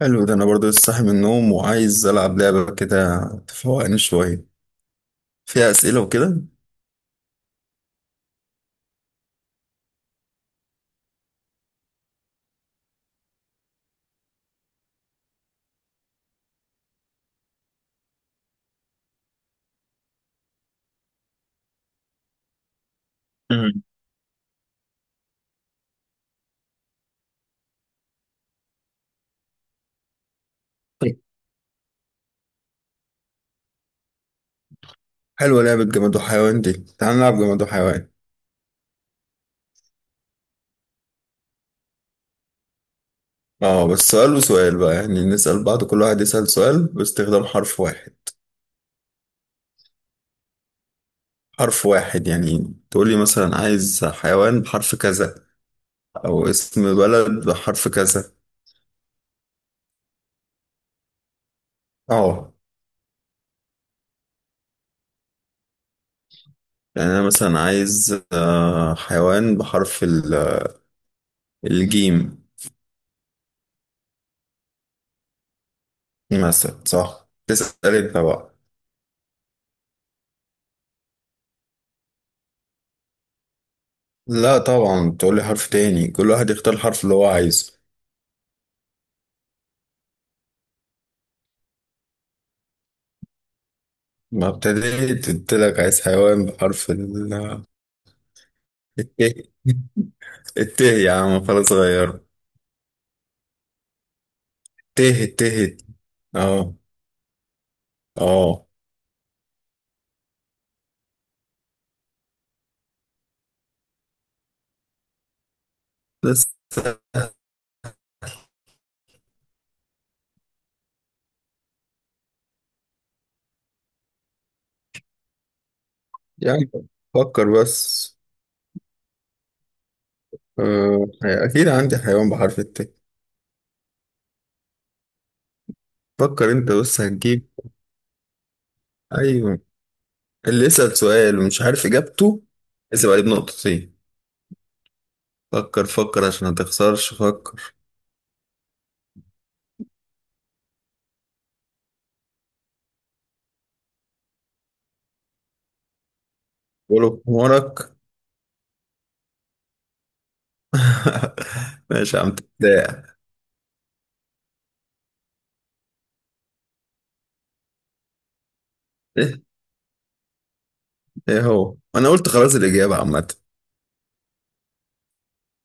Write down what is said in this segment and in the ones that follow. حلو ده، انا برضه لسه صاحي من النوم وعايز العب لعبه كده تفوقني شويه، فيها اسئله وكده. مم. حلوه لعبه جماد وحيوان دي، تعال نلعب جماد وحيوان. اه بس سؤال وسؤال بقى، يعني نسال بعض، كل واحد يسال سؤال باستخدام حرف واحد. حرف واحد يعني تقول لي مثلا عايز حيوان بحرف كذا، او اسم بلد بحرف كذا. اه. يعني انا مثلا عايز حيوان بحرف الجيم مثلا. صح، تسال انت بقى. لا طبعا، تقول لي حرف تاني، كل واحد يختار الحرف اللي هو عايزه. ما ابتديت، قلت لك عايز حيوان بحرف ال. الت. الت يا عم، خلاص غيره. ت. ت. اه. اه بس يعني، فكر بس. اكيد عندي حيوان بحرف الت. فكر انت بس هتجيب. ايوه. اللي يسأل سؤال ومش عارف اجابته اسيب عليه بنقطتين. فكر فكر عشان ما تخسرش، فكر. قوله بحمارك. ماشي يا عم، تبدأ. ايه هو؟ انا قلت خلاص، الاجابه عامه.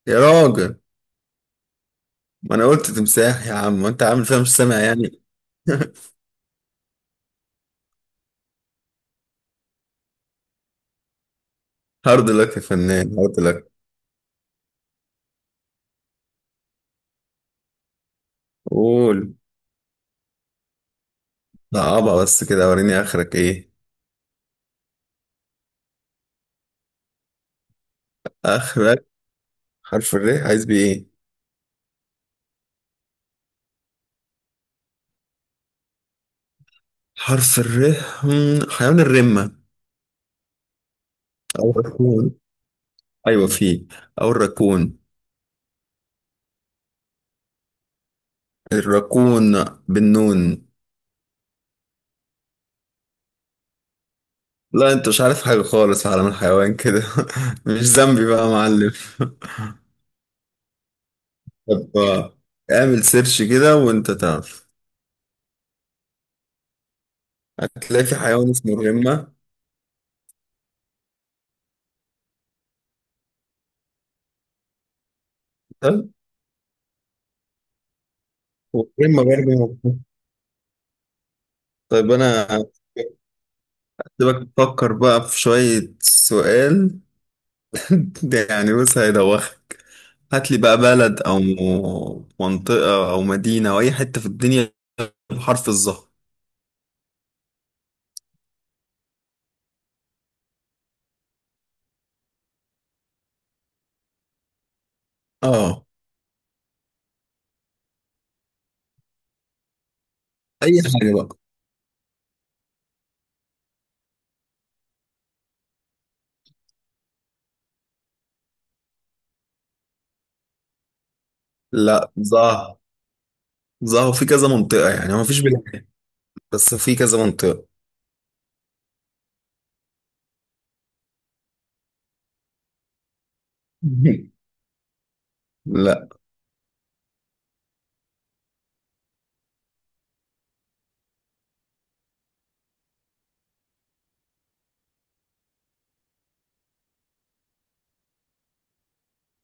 يا راجل، ما انا قلت تمساح يا عم، وانت عامل فيها مش سامع يعني. هارد لك يا فنان، هارد لك. قول. صعبة بس كده، وريني اخرك ايه. اخرك حرف الر، عايز بيه ايه؟ حرف الر. حيوان الرمة، او الراكون. ايوه فيه، او الراكون. الراكون بالنون. لا انت مش عارف حاجة خالص في عالم الحيوان كده. مش ذنبي بقى يا معلم. طب اعمل سيرش كده وانت تعرف. هتلاقي في حيوان اسمه الرمة. مثلاً، والرمة برضه موجودة. طيب أنا سيبك تفكر بقى في شوية سؤال. ده يعني بص، هيدوخك. هات لي بقى بلد أو منطقة أو مدينة أو أي حتة في الدنيا بحرف الظهر. آه، أي حاجة بقى. لا، ظهر. ظهر في كذا منطقة، يعني ما فيش بلاد يعني، بس في كذا منطقة. لا.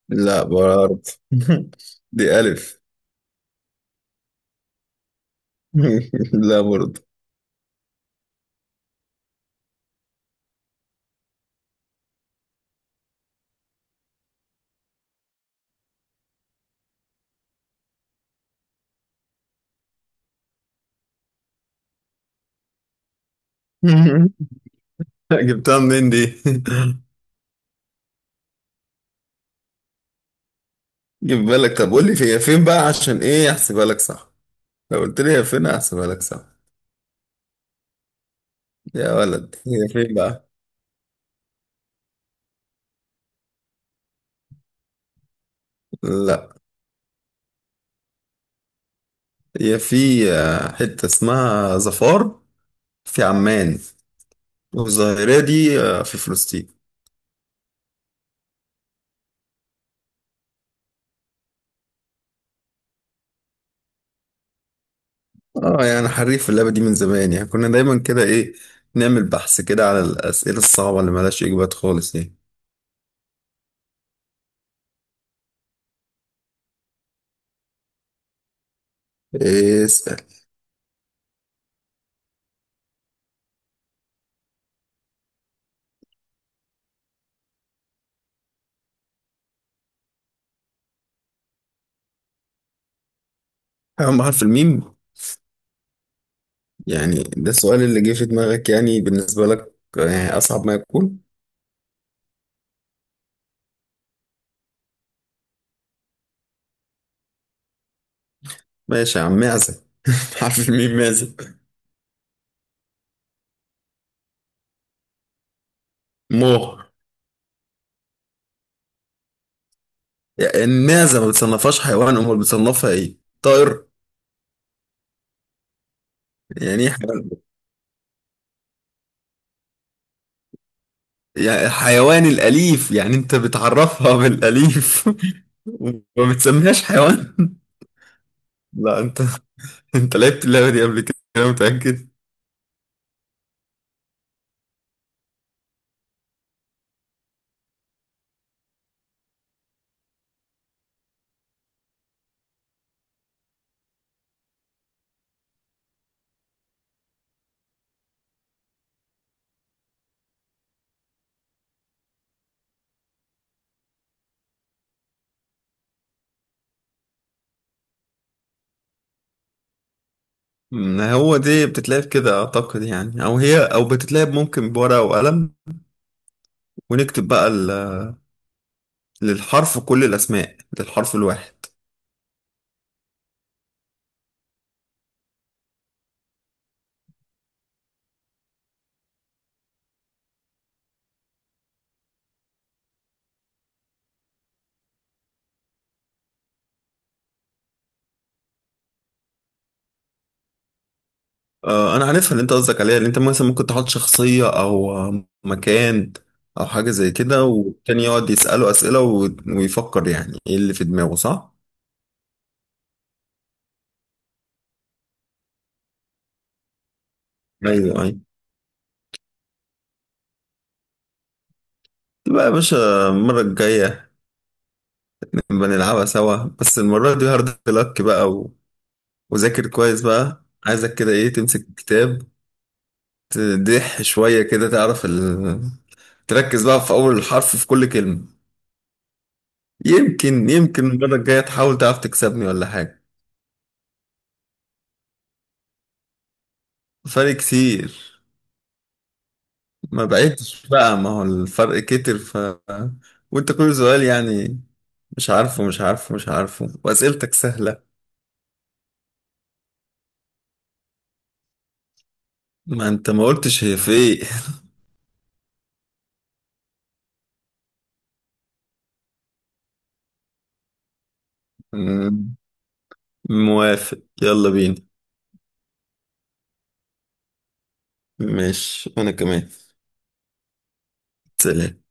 لا برضه. دي ألف. لا برضه. جبتها منين دي؟ جيب بالك. طب قول لي هي فين بقى، عشان ايه احسبها لك صح. لو قلت لي هي فين احسبها لك صح. يا ولد، هي فين بقى؟ لا. هي في حتة اسمها ظفار في عمان، والظاهرة دي في فلسطين. اه يعني، حريف في اللعبة دي من زمان يعني، كنا دايما كده ايه، نعمل بحث كده على الأسئلة الصعبة اللي ملهاش إجابات خالص دي. اسأل. أهم حرف الميم. يعني ده السؤال اللي جه في دماغك، يعني بالنسبة لك يعني أصعب ما يكون. ماشي يا عم، معزة. عارف مين معزة؟ مو. يعني المعزة ما بتصنفهاش حيوان، امال بتصنفها ايه؟ طائر؟ يعني ايه حيوان؟ يعني الحيوان الأليف، يعني انت بتعرفها بالأليف. وما بتسميهاش حيوان. لا انت، انت لعبت اللعبة دي قبل كده انا متأكد. ما هو دي بتتلعب كده اعتقد يعني، او هي او بتتلعب ممكن بورقة وقلم، ونكتب بقى للحرف كل الاسماء للحرف الواحد. انا عارفها اللي انت قصدك عليها. اللي انت مثلا ممكن تحط شخصية او مكان او حاجة زي كده، والتاني يقعد يسأله أسئلة ويفكر يعني ايه اللي في دماغه، صح؟ ايوه ايوه. تبقى يا باشا المرة الجاية نبقى نلعبها سوا. بس المرة دي هارد لك بقى، وذاكر كويس بقى، عايزك كده ايه، تمسك الكتاب، تدح شوية كده، تعرف. تركز بقى في أول حرف في كل كلمة، يمكن يمكن المرة الجاية تحاول تعرف تكسبني ولا حاجة. فرق كتير. ما بقيتش بقى، ما هو الفرق كتر ف. وانت كل سؤال يعني، مش عارفه، مش عارفه، مش عارفه، واسئلتك سهلة. ما انت ما قلتش هي في ايه. موافق، يلا بينا. ماشي انا كمان. سلام.